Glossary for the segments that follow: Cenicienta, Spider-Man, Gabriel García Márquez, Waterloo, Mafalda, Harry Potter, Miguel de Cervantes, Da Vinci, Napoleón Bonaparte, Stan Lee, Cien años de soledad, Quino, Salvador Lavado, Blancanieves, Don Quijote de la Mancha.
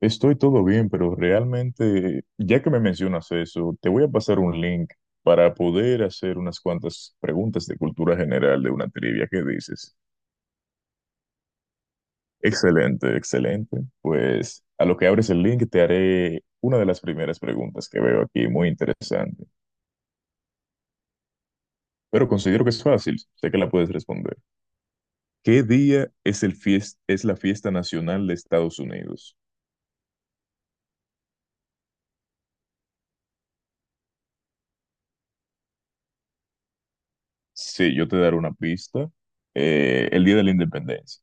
Estoy todo bien, pero realmente, ya que me mencionas eso, te voy a pasar un link para poder hacer unas cuantas preguntas de cultura general de una trivia. ¿Qué dices? Excelente, excelente. Pues a lo que abres el link te haré una de las primeras preguntas que veo aquí, muy interesante. Pero considero que es fácil, sé que la puedes responder. ¿Qué día es es la fiesta nacional de Estados Unidos? Sí, yo te daré una pista. El Día de la Independencia.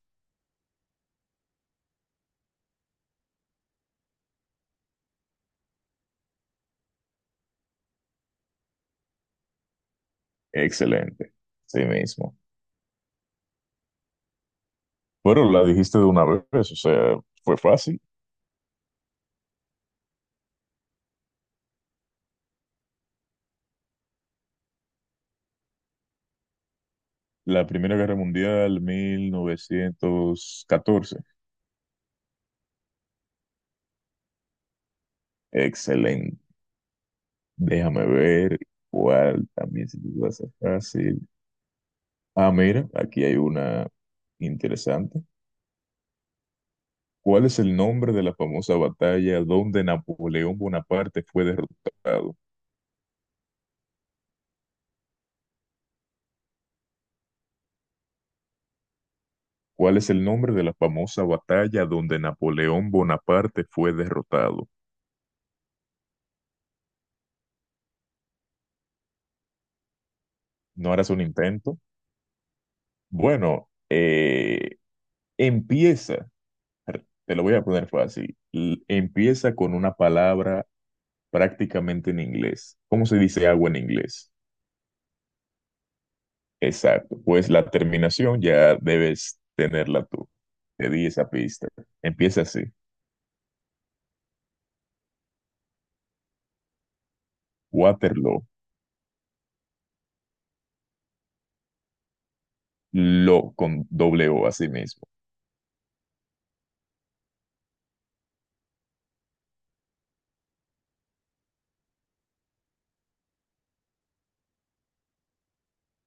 Excelente, sí mismo. Bueno, la dijiste de una vez, o sea, fue fácil. La Primera Guerra Mundial, 1914. Excelente. Déjame ver cuál también se te va a hacer fácil. Ah, mira, aquí hay una interesante. ¿Cuál es el nombre de la famosa batalla donde Napoleón Bonaparte fue derrotado? ¿Cuál es el nombre de la famosa batalla donde Napoleón Bonaparte fue derrotado? ¿No harás un intento? Bueno, empieza, te lo voy a poner fácil, empieza con una palabra prácticamente en inglés. ¿Cómo se dice agua en inglés? Exacto, pues la terminación ya debes tenerla tú. Te di esa pista. Empieza así, Waterloo, lo con doble O así mismo.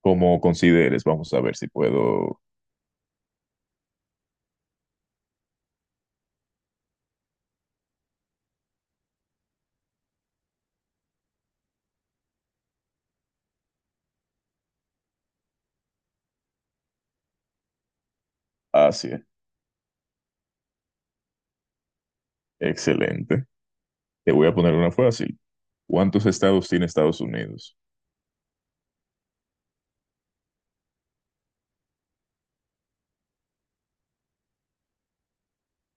Como consideres, vamos a ver si puedo. Asia, excelente. Te voy a poner una fácil. ¿Cuántos estados tiene Estados Unidos?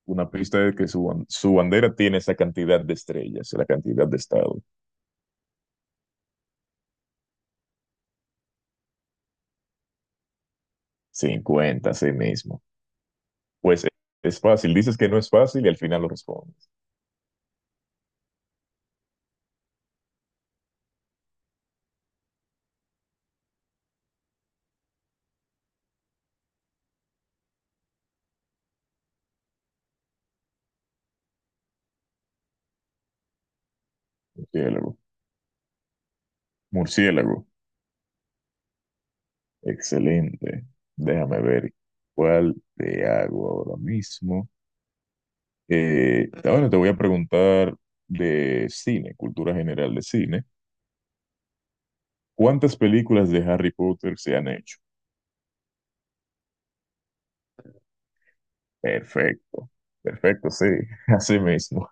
Una pista de que su bandera tiene esa cantidad de estrellas, la cantidad de estados. 50 así mismo. Pues e- es fácil, dices que no es fácil y al final lo respondes. Murciélago. Murciélago. Excelente. Déjame ver cuál te hago ahora mismo. Ahora te voy a preguntar de cine, cultura general de cine. ¿Cuántas películas de Harry Potter se han hecho? Perfecto. Perfecto, sí. Así mismo.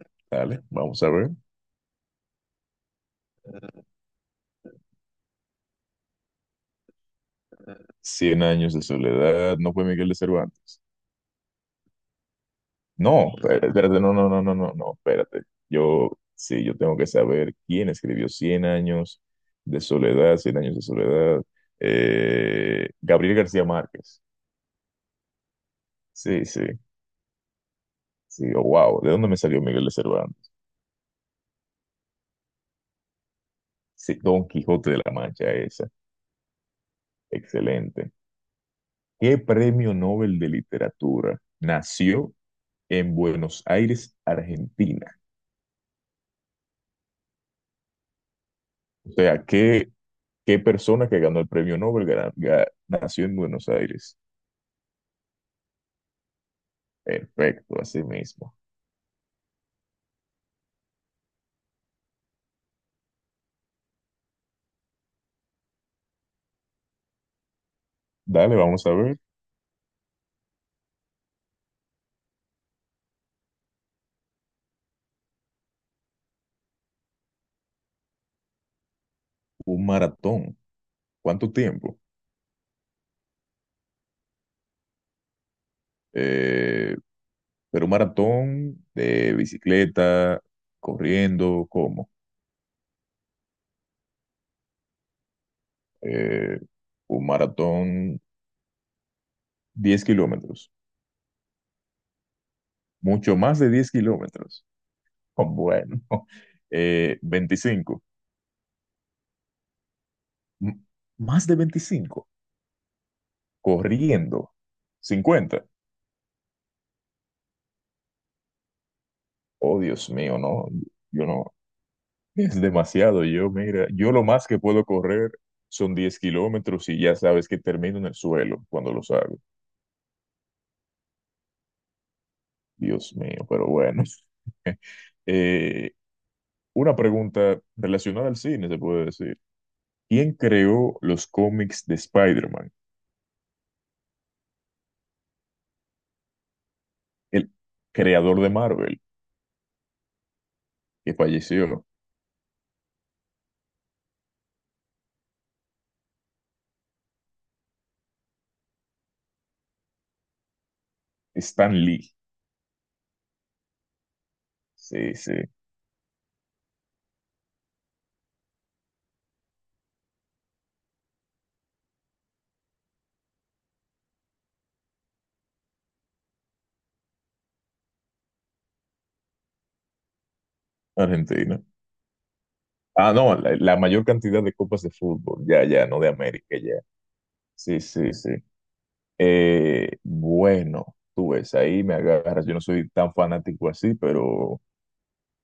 Dale, vamos a ver. Cien años de soledad, no fue Miguel de Cervantes. No, espérate, espérate, no, no, no, no, no, no, espérate. Yo, sí, yo tengo que saber quién escribió Cien años de soledad, Cien años de soledad. Gabriel García Márquez. Sí, sí, sí, oh, wow, ¿de dónde me salió Miguel de Cervantes? Sí, Don Quijote de la Mancha, esa. Excelente. ¿Qué premio Nobel de literatura nació en Buenos Aires, Argentina? O sea, ¿Qué persona que ganó el premio Nobel nació en Buenos Aires? Perfecto, así mismo. Dale, vamos a ver. Un maratón. ¿Cuánto tiempo? Eh, pero un maratón de bicicleta, corriendo, ¿cómo? Eh, un maratón 10 kilómetros. Mucho más de 10 kilómetros. Oh, bueno. 25. M- Más de 25. Corriendo. 50. Oh, Dios mío, no. Yo no. Es demasiado. Yo, mira, yo lo más que puedo correr son 10 kilómetros y ya sabes que termino en el suelo cuando los hago. Dios mío, pero bueno. Eh, una pregunta relacionada al cine, se puede decir. ¿Quién creó los cómics de Spider-Man? El creador de Marvel, que falleció, Stan Lee. Sí, sí, Argentina. Ah, no, la mayor cantidad de copas de fútbol, ya, ya, no de América, ya. Sí, sí, sí. Bueno, tú ves, ahí me agarras. Yo no soy tan fanático así, pero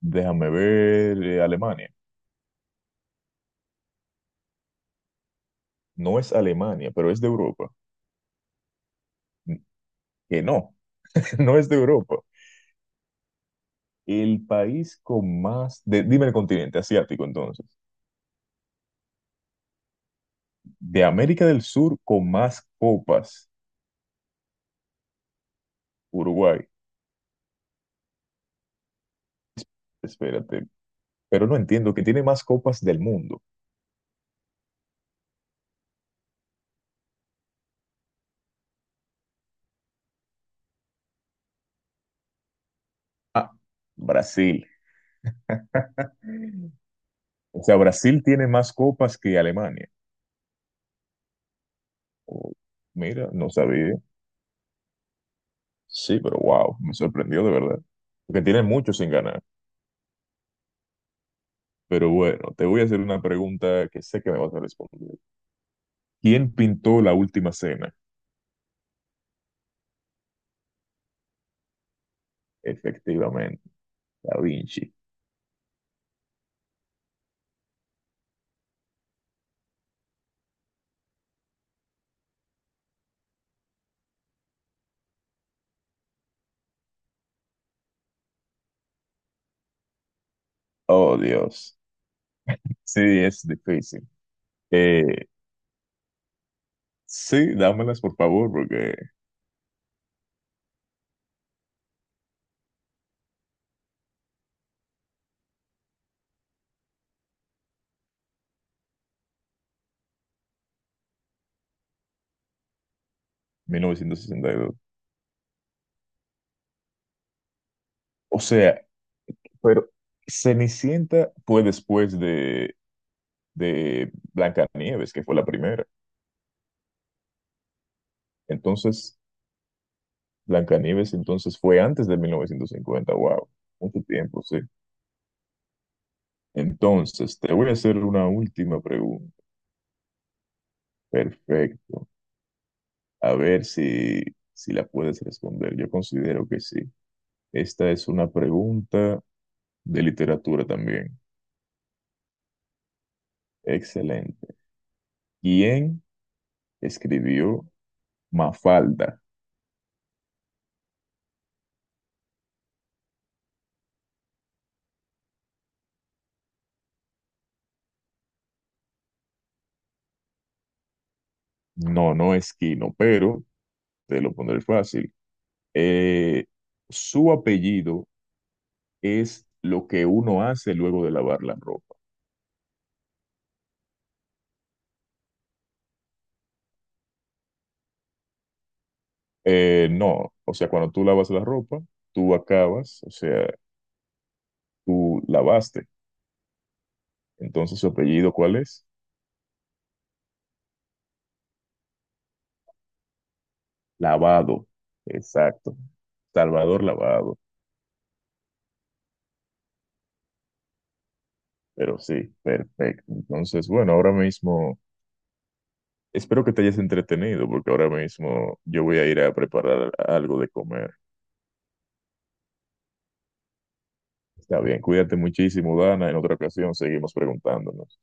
déjame ver. Alemania. No es Alemania, pero es de Europa. N- Que no, no es de Europa. El país con más, dime el continente asiático entonces. De América del Sur con más copas, Uruguay. Espérate, pero no entiendo que tiene más copas del mundo. Ah, Brasil. O sea, Brasil tiene más copas que Alemania. Oh, mira, no sabía. Sí, pero wow, me sorprendió de verdad. Porque tiene mucho sin ganar. Pero bueno, te voy a hacer una pregunta que sé que me vas a responder. ¿Quién pintó la última cena? Efectivamente, Da Vinci. Oh, Dios. Sí, es difícil. Eh, sí, dámelas por favor, porque 1962. O sea, pero Cenicienta fue después de Blancanieves, que fue la primera. Entonces, Blancanieves entonces fue antes de 1950. Wow, mucho tiempo, sí. Entonces, te voy a hacer una última pregunta. Perfecto. A ver si la puedes responder. Yo considero que sí. Esta es una pregunta de literatura también. Excelente. ¿Quién escribió Mafalda? No, no es Quino, pero te lo pondré fácil. Eh, Su apellido es lo que uno hace luego de lavar la ropa. No, o sea, cuando tú lavas la ropa, tú acabas, o sea, tú lavaste. Entonces, su apellido, ¿cuál es? Lavado. Exacto. Salvador Lavado. Pero sí, perfecto. Entonces, bueno, ahora mismo, espero que te hayas entretenido, porque ahora mismo yo voy a ir a preparar algo de comer. Está bien, cuídate muchísimo, Dana. En otra ocasión seguimos preguntándonos.